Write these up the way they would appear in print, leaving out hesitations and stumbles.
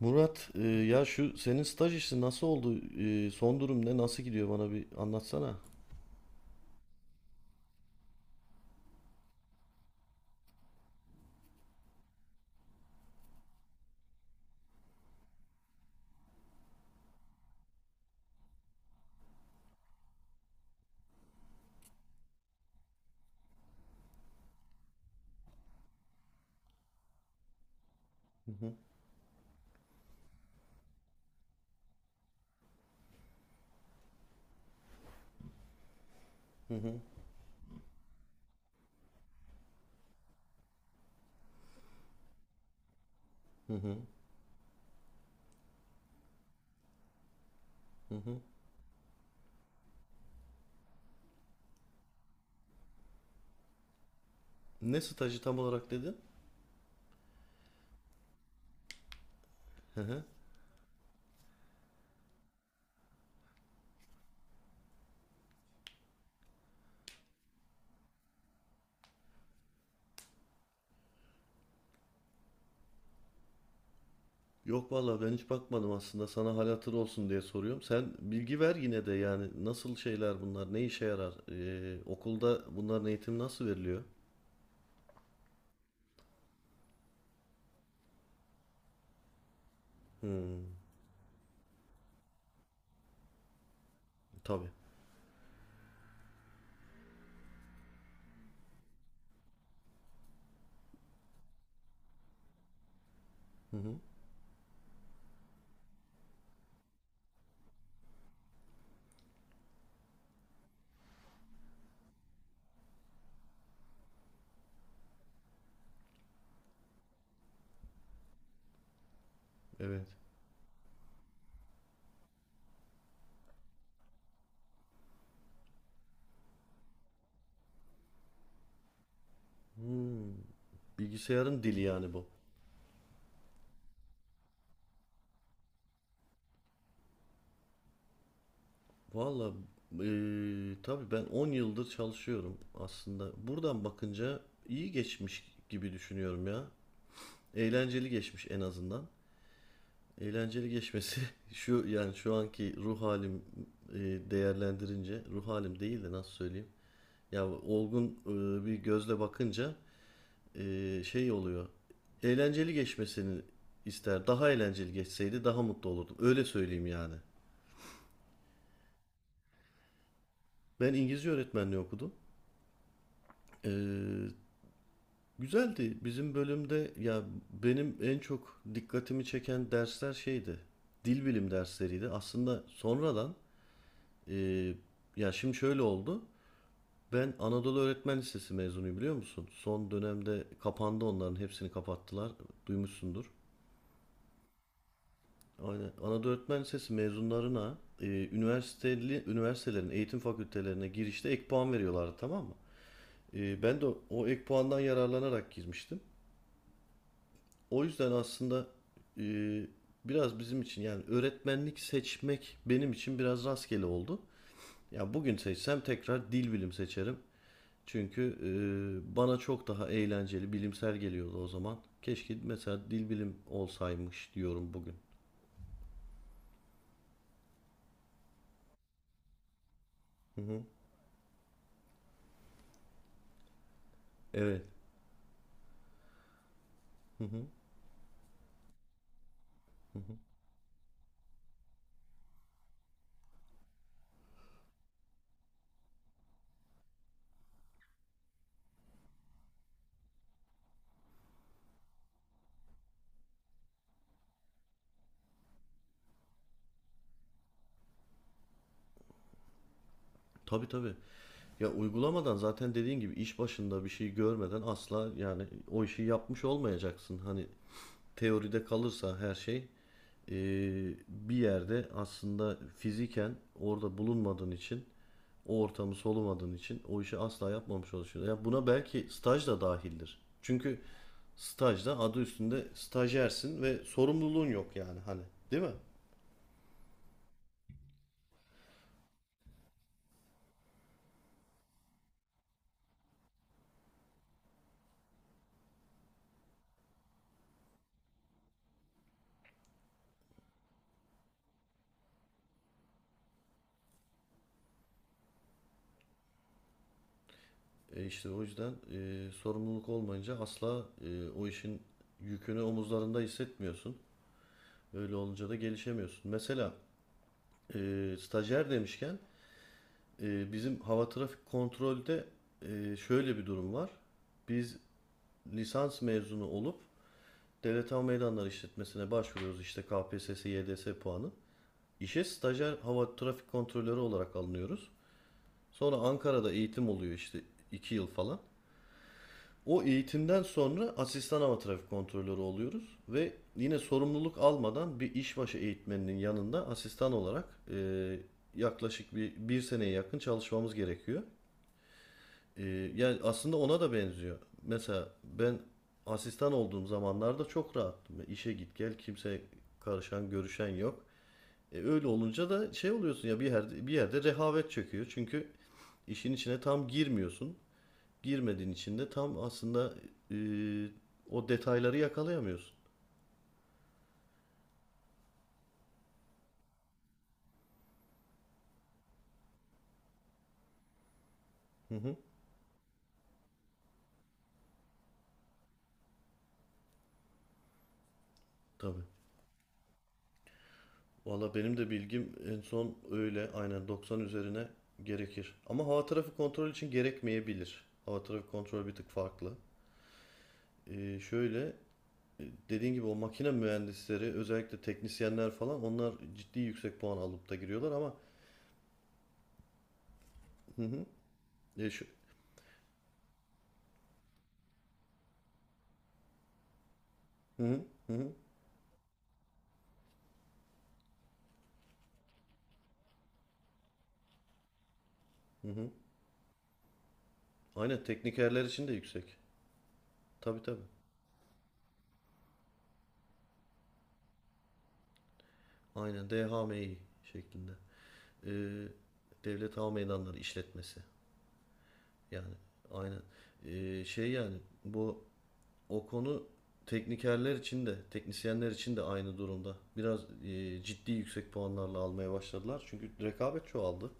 Murat, ya şu senin staj işi nasıl oldu? Son durum ne? Nasıl gidiyor? Bana bir anlatsana. Hı hı, hı hı, hı hı, hı hı. Ne stajı tam olarak dedin? Hı hı. Yok vallahi ben hiç bakmadım aslında. Sana hal hatır olsun diye soruyorum. Sen bilgi ver yine de yani nasıl şeyler bunlar? Ne işe yarar? Okulda bunların eğitimi nasıl veriliyor? Hmm, tabii. Hı hı, evet. Hmm, Bilgisayarın dili yani bu. Valla tabii ben 10 yıldır çalışıyorum aslında. Buradan bakınca iyi geçmiş gibi düşünüyorum ya. Eğlenceli geçmiş en azından. Eğlenceli geçmesi şu yani şu anki ruh halim değerlendirince ruh halim değil de nasıl söyleyeyim? Ya olgun bir gözle bakınca şey oluyor. Eğlenceli geçmesini ister. Daha eğlenceli geçseydi daha mutlu olurdum. Öyle söyleyeyim yani. Ben İngilizce öğretmenliği okudum. Ee, Güzeldi. Bizim bölümde ya benim en çok dikkatimi çeken dersler şeydi. Dil bilim dersleriydi. Aslında sonradan e, ya şimdi şöyle oldu. Ben Anadolu Öğretmen Lisesi mezunuyum biliyor musun? Son dönemde kapandı, onların hepsini kapattılar. Duymuşsundur. Aynen. Anadolu Öğretmen Lisesi mezunlarına üniversiteli, üniversitelerin eğitim fakültelerine girişte ek puan veriyorlardı, tamam mı? Ben de o ek puandan yararlanarak girmiştim. O yüzden aslında e, biraz bizim için yani öğretmenlik seçmek benim için biraz rastgele oldu. Ya bugün seçsem tekrar dil bilim seçerim. Çünkü bana çok daha eğlenceli, bilimsel geliyordu o zaman. Keşke mesela dil bilim olsaymış diyorum bugün. Hı hı. Evet. Hı hı. Hı hı. Tabii, tabii. Ya uygulamadan zaten dediğin gibi iş başında bir şey görmeden asla yani o işi yapmış olmayacaksın. Hani teoride kalırsa her şey e, bir yerde aslında fiziken orada bulunmadığın için o ortamı solumadığın için o işi asla yapmamış olursun. Ya buna belki staj da dahildir. Çünkü stajda adı üstünde stajyersin ve sorumluluğun yok yani hani, değil mi? E işte o yüzden sorumluluk olmayınca asla o işin yükünü omuzlarında hissetmiyorsun. Öyle olunca da gelişemiyorsun. Mesela e, stajyer demişken bizim hava trafik kontrolde şöyle bir durum var. Biz lisans mezunu olup devlet hava meydanları işletmesine başvuruyoruz işte KPSS, YDS puanı. İşe stajyer hava trafik kontrolörü olarak alınıyoruz. Sonra Ankara'da eğitim oluyor işte 2 yıl falan. O eğitimden sonra asistan hava trafik kontrolörü oluyoruz ve yine sorumluluk almadan bir işbaşı eğitmeninin yanında asistan olarak e, yaklaşık bir seneye yakın çalışmamız gerekiyor. Ee, yani aslında ona da benziyor. Mesela ben asistan olduğum zamanlarda çok rahattım. İşe git gel kimse karışan görüşen yok. Öyle olunca da şey oluyorsun ya, bir yerde bir yerde rehavet çöküyor. Çünkü işin içine tam girmiyorsun. Girmediğin için de tam aslında e, o detayları yakalayamıyorsun. Hı hı. Tabii. Valla benim de bilgim en son öyle, aynen 90 üzerine gerekir. Ama hava trafik kontrol için gerekmeyebilir. Hava trafik kontrolü bir tık farklı. Şöyle dediğin gibi o makine mühendisleri özellikle teknisyenler falan onlar ciddi yüksek puan alıp da giriyorlar ama... Hı hı. E, şu, hı hı, hı hı, hı hı. Aynen teknikerler için de yüksek. Tabii, tabii. Aynen DHMİ şeklinde. Ee, Devlet Hava Meydanları işletmesi. Yani aynen. Şey yani bu o konu teknikerler için de teknisyenler için de aynı durumda. Biraz ciddi yüksek puanlarla almaya başladılar. Çünkü rekabet çoğaldı,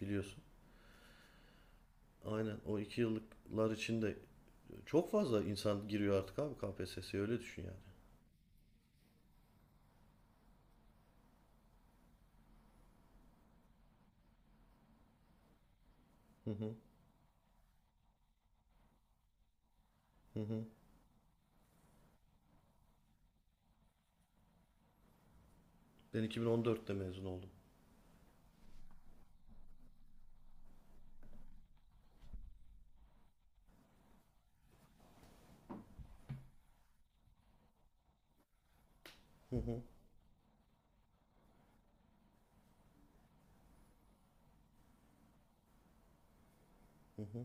biliyorsun. Aynen o iki yıllıklar içinde çok fazla insan giriyor artık abi KPSS'ye, öyle düşün yani. Hı hı, hı hı. Ben 2014'te mezun oldum. Hı hı, hı hı.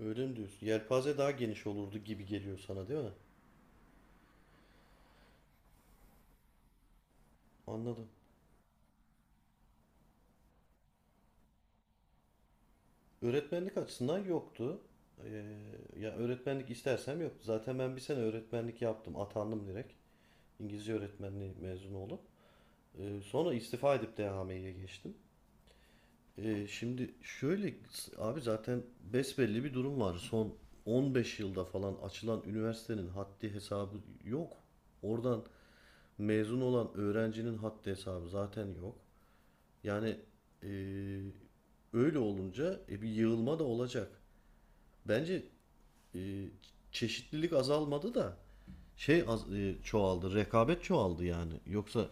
Öyle mi diyorsun? Yelpaze daha geniş olurdu gibi geliyor sana, değil mi? Anladım. Öğretmenlik açısından yoktu. Ee, ya öğretmenlik istersem yoktu. Zaten ben bir sene öğretmenlik yaptım. Atandım direkt. İngilizce öğretmenliği mezunu olup. Sonra istifa edip DHMİ'ye geçtim. Şimdi şöyle abi, zaten besbelli bir durum var. Son 15 yılda falan açılan üniversitenin haddi hesabı yok. Oradan mezun olan öğrencinin haddi hesabı zaten yok. Yani e, öyle olunca bir yığılma da olacak. Bence e, çeşitlilik azalmadı da şey çoğaldı, rekabet çoğaldı yani. Yoksa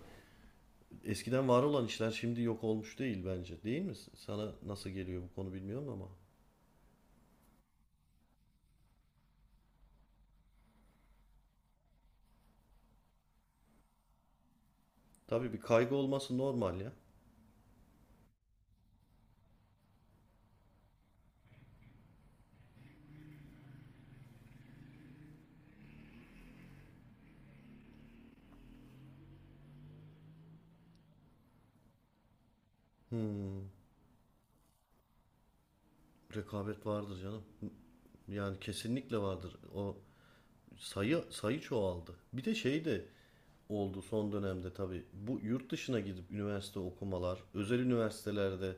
eskiden var olan işler şimdi yok olmuş değil bence. Değil mi? Sana nasıl geliyor bu konu bilmiyorum ama. Tabii, bir kaygı olması normal ya. Hmm, rekabet vardır canım. Yani kesinlikle vardır. O sayı sayı çoğaldı. Bir de şey de oldu son dönemde tabii. Bu yurt dışına gidip üniversite okumalar, özel üniversitelerde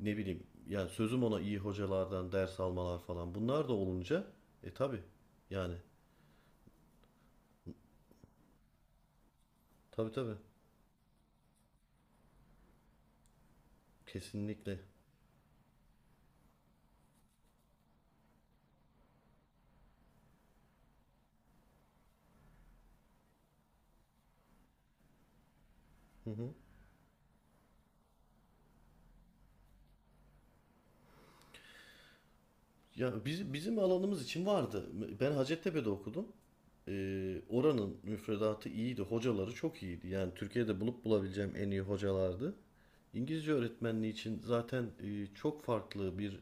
ne bileyim yani sözüm ona iyi hocalardan ders almalar falan. Bunlar da olunca tabii yani, tabii, tabii, kesinlikle. Hı hı. Ya bizim alanımız için vardı. Ben Hacettepe'de okudum. Oranın müfredatı iyiydi. Hocaları çok iyiydi. Yani Türkiye'de bulup bulabileceğim en iyi hocalardı. İngilizce öğretmenliği için zaten çok farklı bir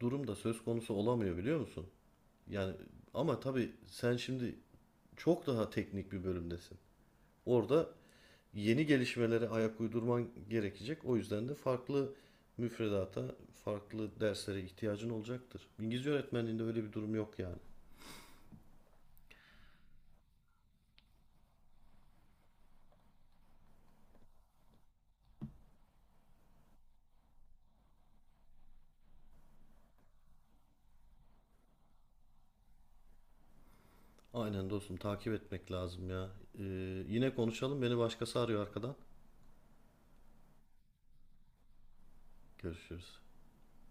durum da söz konusu olamıyor, biliyor musun? Yani ama tabii sen şimdi çok daha teknik bir bölümdesin. Orada yeni gelişmelere ayak uydurman gerekecek. O yüzden de farklı müfredata, farklı derslere ihtiyacın olacaktır. İngilizce öğretmenliğinde öyle bir durum yok yani. Aynen dostum, takip etmek lazım ya. Ee, yine konuşalım. Beni başkası arıyor arkadan. Görüşürüz.